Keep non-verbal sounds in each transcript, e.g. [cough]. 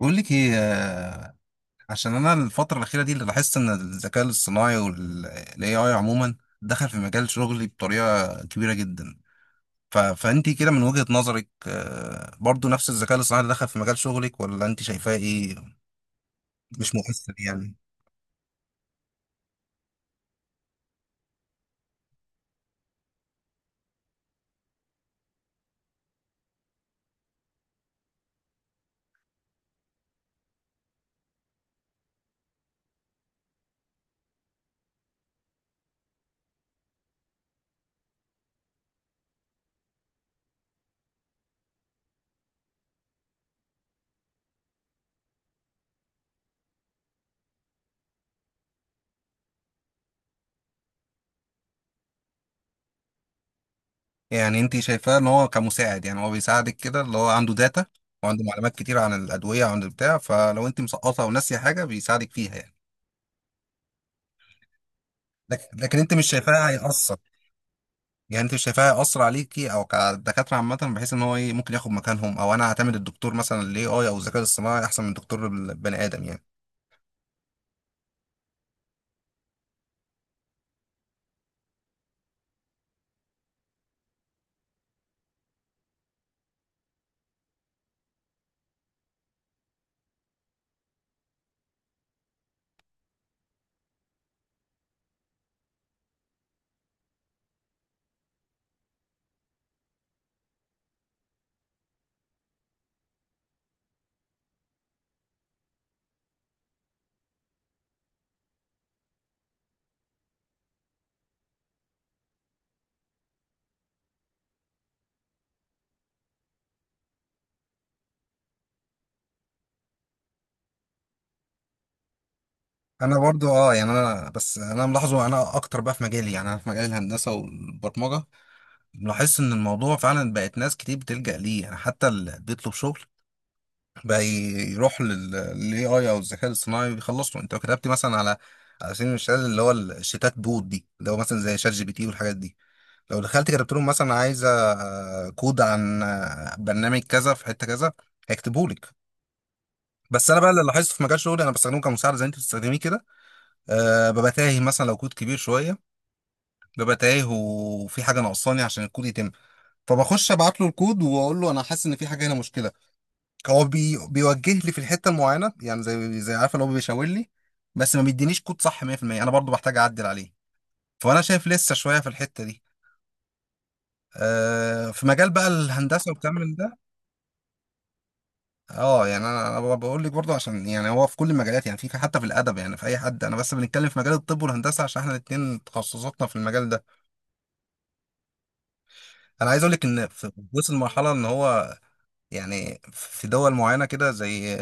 بقول لك ايه عشان انا الفتره الاخيره دي اللي لاحظت ان الذكاء الاصطناعي والاي اي عموما دخل في مجال شغلي بطريقه كبيره جدا. فانت كده من وجهه نظرك، برضو نفس الذكاء الاصطناعي اللي دخل في مجال شغلك، ولا انت شايفاه ايه؟ مش مؤثر يعني؟ يعني انت شايفاه ان هو كمساعد، يعني هو بيساعدك كده اللي هو عنده داتا وعنده معلومات كتير عن الادويه وعن البتاع، فلو انت مسقطه او ناسيه حاجه بيساعدك فيها يعني. لكن انت مش شايفاه هيأثر؟ يعني انت شايفاها اسرع عليكي او كدكاتره عامه بحيث ان هو ايه، ممكن ياخد مكانهم، او انا اعتمد الدكتور مثلا الاي اي او الذكاء الاصطناعي احسن من دكتور البني ادم يعني؟ انا برضو اه يعني، انا بس ملاحظه انا اكتر بقى في مجالي يعني، انا في مجال الهندسه والبرمجه ملاحظ ان الموضوع فعلا بقت ناس كتير بتلجأ ليه يعني. حتى اللي بيطلب شغل بقى يروح للاي اي او الذكاء الاصطناعي بيخلص له. انت لو كتبت مثلا على على سبيل المثال اللي هو الشتات بوت دي، اللي هو مثلا زي شات جي بي تي والحاجات دي، لو دخلت كتبت لهم مثلا عايزه كود عن برنامج كذا في حته كذا، هيكتبوا لك. بس انا بقى اللي لاحظته في مجال شغلي انا بستخدمه كمساعد زي انت بتستخدميه كده. أه ببقى تايه مثلا لو كود كبير شويه، ببقى تايه وفي حاجه ناقصاني عشان الكود يتم، فبخش ابعت له الكود واقول له انا حاسس ان في حاجه هنا مشكله. هو بي بيوجه لي في الحته المعينه، يعني زي عارف اللي هو بيشاور لي. بس ما بيدينيش كود صح 100%، انا برضو بحتاج اعدل عليه. فانا شايف لسه شويه في الحته دي. أه في مجال بقى الهندسه والكلام من ده. اه يعني انا بقول لك برضه عشان يعني هو في كل المجالات، يعني في حتى في الادب يعني في اي حد. انا بس بنتكلم في مجال الطب والهندسه عشان احنا الاثنين تخصصاتنا في المجال ده. انا عايز اقول لك ان في وصل مرحله ان هو، يعني في دول معينه كده زي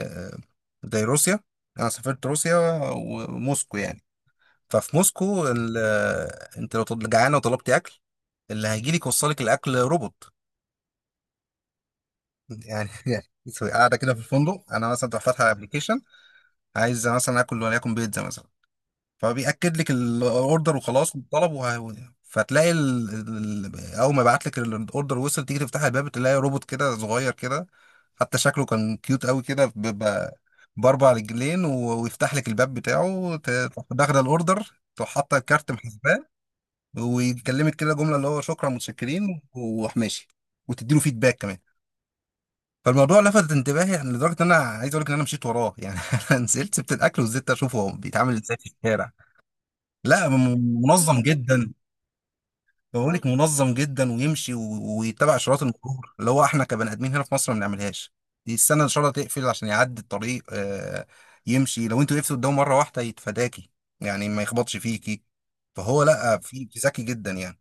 روسيا. انا سافرت روسيا وموسكو يعني. ففي موسكو ال- انت لو جعانه وطلبتي اكل، اللي هيجي لك يوصل لك الاكل روبوت يعني [laughs] يعني. قاعده كده في الفندق، انا مثلا تروح فاتحه ابلكيشن عايز مثلا اكل وليكن بيتزا مثلا، فبيأكد لك الاوردر وخلاص الطلب. فتلاقي ال... اول ما يبعت لك الاوردر وصل، تيجي تفتح الباب تلاقي روبوت كده صغير كده، حتى شكله كان كيوت قوي كده، باربع رجلين ويفتح لك الباب بتاعه. تروح داخله الاوردر، تروح حاطه الكارت محاسباه، ويكلمك كده جمله اللي هو شكرا متشكرين وراح ماشي. وتديله فيدباك كمان. فالموضوع لفت انتباهي يعني لدرجه ان انا عايز اقول لك ان انا مشيت وراه يعني [laughs] انا نزلت سبت الاكل وزدت اشوفه هو بيتعامل ازاي في الشارع. لا منظم جدا. بقولك منظم جدا ويمشي ويتبع اشارات المرور، اللي هو احنا كبني ادمين هنا في مصر ما بنعملهاش. دي السنه ان شاء الله تقفل عشان يعدي الطريق يمشي. لو انتوا وقفتوا قدامه مره واحده يتفاداكي، يعني ما يخبطش فيكي. فهو لا في ذكي جدا يعني.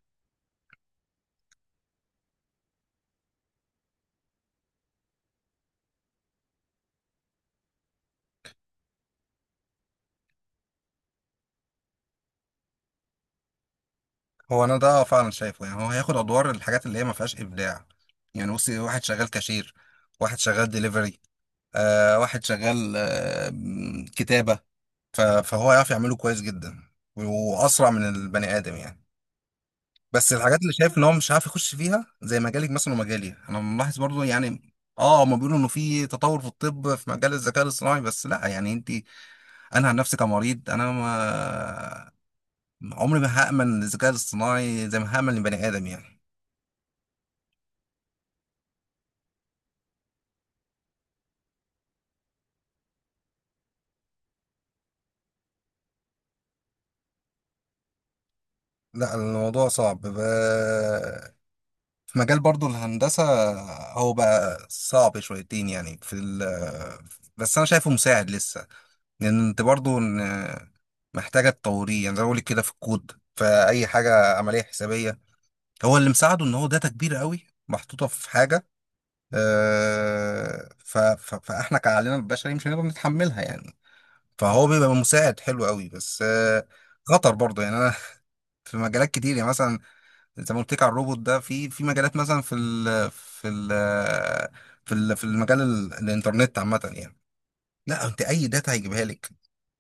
هو انا ده فعلا شايفه، يعني هو هياخد ادوار الحاجات اللي هي ما فيهاش ابداع. يعني بصي واحد شغال كاشير، واحد شغال ديليفري، آه واحد شغال آه كتابه. فهو يعرف يعمله كويس جدا واسرع من البني ادم يعني. بس الحاجات اللي شايف ان هو مش عارف يخش فيها زي مجالك مثلا ومجالي انا ملاحظ برضو يعني. اه هما بيقولوا انه في تطور في الطب في مجال الذكاء الاصطناعي، بس لا يعني انت، انا عن نفسي كمريض انا ما عمري ما هامن الذكاء الاصطناعي زي ما هامن البني ادم يعني. لا الموضوع صعب ب... في مجال برضو الهندسة هو بقى صعب شويتين يعني بس أنا شايفه مساعد لسه. لان انت برضو محتاجه تطوريه يعني، زي ما بقولك كده في الكود في اي حاجه عمليه حسابيه. هو اللي مساعده ان هو داتا كبيره قوي محطوطه في حاجه، فاحنا كعقلنا البشري مش هنقدر نتحملها يعني. فهو بيبقى مساعد حلو قوي، بس خطر برضه يعني. انا [laughs] في مجالات كتير، يعني مثلا زي ما قلت لك على الروبوت ده. في في مجالات مثلا في ال في ال في ال في المجال الانترنت عامه يعني. لا انت اي داتا هيجيبها لك.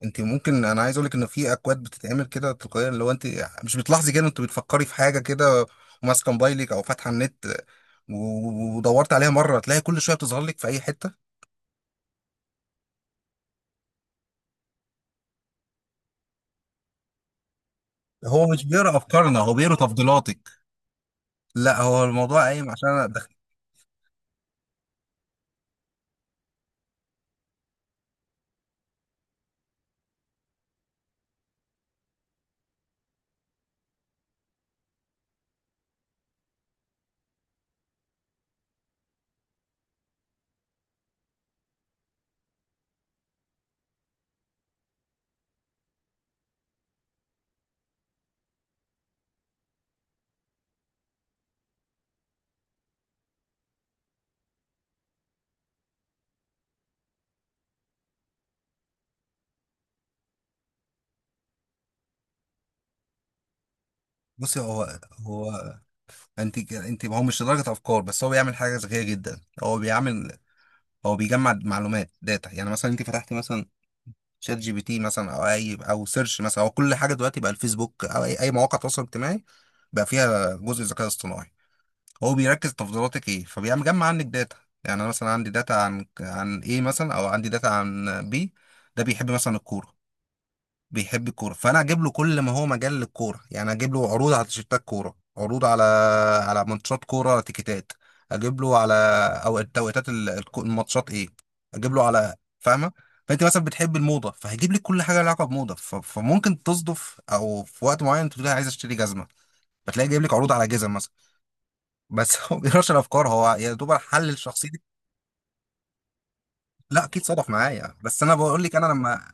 انت ممكن، انا عايز اقول لك ان في اكواد بتتعمل كده تلقائيا. لو انت مش بتلاحظي كده، انت بتفكري في حاجه كده وماسكه موبايلك او فاتحه النت ودورت عليها مره، تلاقي كل شويه بتظهر لك في اي حته. هو مش بيقرا افكارنا، هو بيقرا تفضيلاتك. لا هو الموضوع قايم عشان انا دخل. بصي هو هو انت ك- انت هو مش لدرجه افكار، بس هو بيعمل حاجه ذكيه جدا. هو بيعمل، هو بيجمع معلومات داتا. يعني مثلا انت فتحتي مثلا شات جي بي تي مثلا، او اي او سيرش مثلا، او كل حاجه دلوقتي بقى الفيسبوك او اي اي مواقع تواصل اجتماعي بقى فيها جزء ذكاء اصطناعي. هو بيركز تفضيلاتك ايه، فبيعمل جمع عنك داتا. يعني انا مثلا عندي داتا عن ايه مثلا، او عندي داتا عن بي، ده بيحب مثلا الكوره. بيحب الكوره، فانا اجيب له كل ما هو مجال للكوره، يعني اجيب له عروض على تيشيرتات كوره، عروض على على ماتشات كوره تيكيتات، اجيب له على، او توقيتات الماتشات ايه، اجيب له على، فاهمه. فانت مثلا بتحب الموضه فهيجيب لك كل حاجه لها علاقه بموضه. فممكن تصدف او في وقت معين تقول لي عايز اشتري جزمه، فتلاقي جايب لك عروض على جزم مثلا [laughs] بس هو ما بيقراش الافكار، هو يا دوب حلل شخصيتي. لا اكيد صدف معايا، بس انا بقول لك انا لما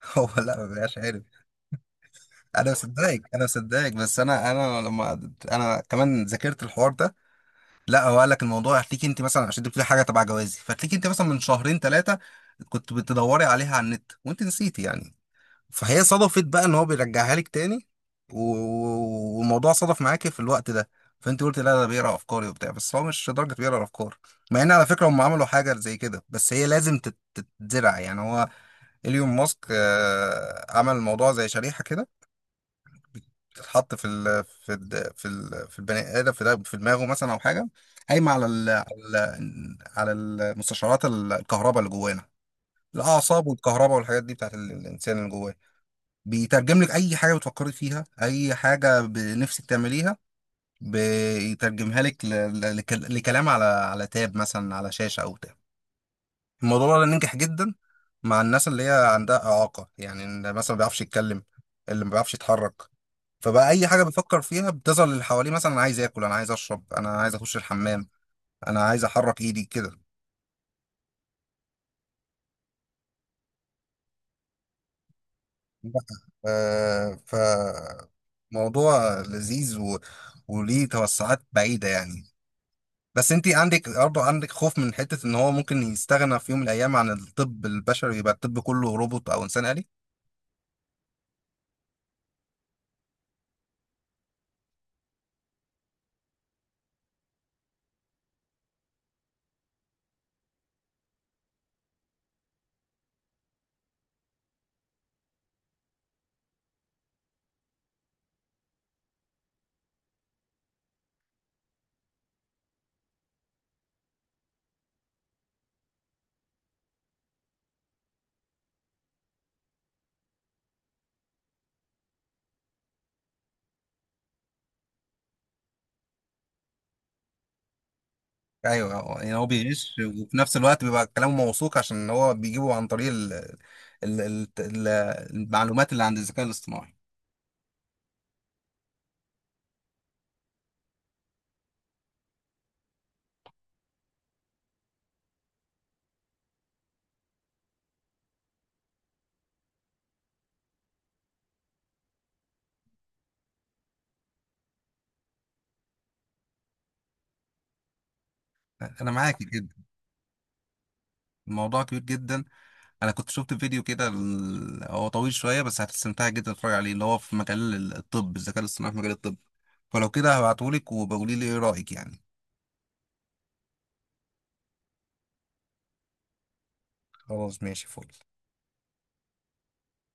[laughs] هو لا ما بيبقاش عارف. انا مصدقك انا مصدقك، بس انا لما انا كمان ذاكرت الحوار ده. لا هو قال لك الموضوع هتليك انت مثلا عشان انت بتقولي حاجه تبع جوازي، فتليك انت مثلا من شهرين ثلاثه كنت بتدوري عليها على النت وانت نسيتي يعني. فهي صدفت بقى ان هو بيرجعها لك تاني، والموضوع صدف معاكي في الوقت ده. فانت قلت لا ده بيقرا افكاري وبتاع، بس هو مش لدرجه بيقرا الافكار. مع ان على فكره هم عملوا حاجه زي كده، بس هي لازم تتزرع يعني. هو ايلون ماسك عمل الموضوع زي شريحه كده تتحط في البني ادم في في دماغه مثلا او حاجه قايمه على المستشعرات الكهرباء اللي جوانا، الاعصاب والكهرباء والحاجات دي بتاعت الانسان اللي جواه. بيترجم لك اي حاجه بتفكري فيها، اي حاجه بنفسك تعمليها، بيترجمها لك لكلام على على تاب مثلا، على شاشه او بتاع. الموضوع ده ننجح جدا مع الناس اللي هي عندها إعاقة، يعني اللي مثلا ما بيعرفش يتكلم، اللي ما بيعرفش يتحرك. فبقى أي حاجة بيفكر فيها بتظهر اللي حواليه، مثلا أنا عايز آكل، أنا عايز أشرب، أنا عايز أخش الحمام، أنا عايز أحرك إيدي كده. آه، ف موضوع لذيذ وليه توسعات بعيدة يعني. بس انت عندك برضه عندك خوف من حتة ان هو ممكن يستغنى في يوم من الايام عن الطب البشري، يبقى الطب كله روبوت او انسان آلي. ايوه يعني هو بيغش وفي نفس الوقت بيبقى كلامه موثوق عشان هو بيجيبه عن طريق ال ال ال ال المعلومات اللي عند الذكاء الاصطناعي. انا معاك جدا. الموضوع كبير جدا. انا كنت شفت فيديو كده هو طويل شويه بس هتستمتع جدا تتفرج عليه، اللي هو في مجال الطب، الذكاء الاصطناعي في مجال الطب. فلو كده هبعتهولك وبقولي لي ايه رايك يعني. خلاص ماشي فل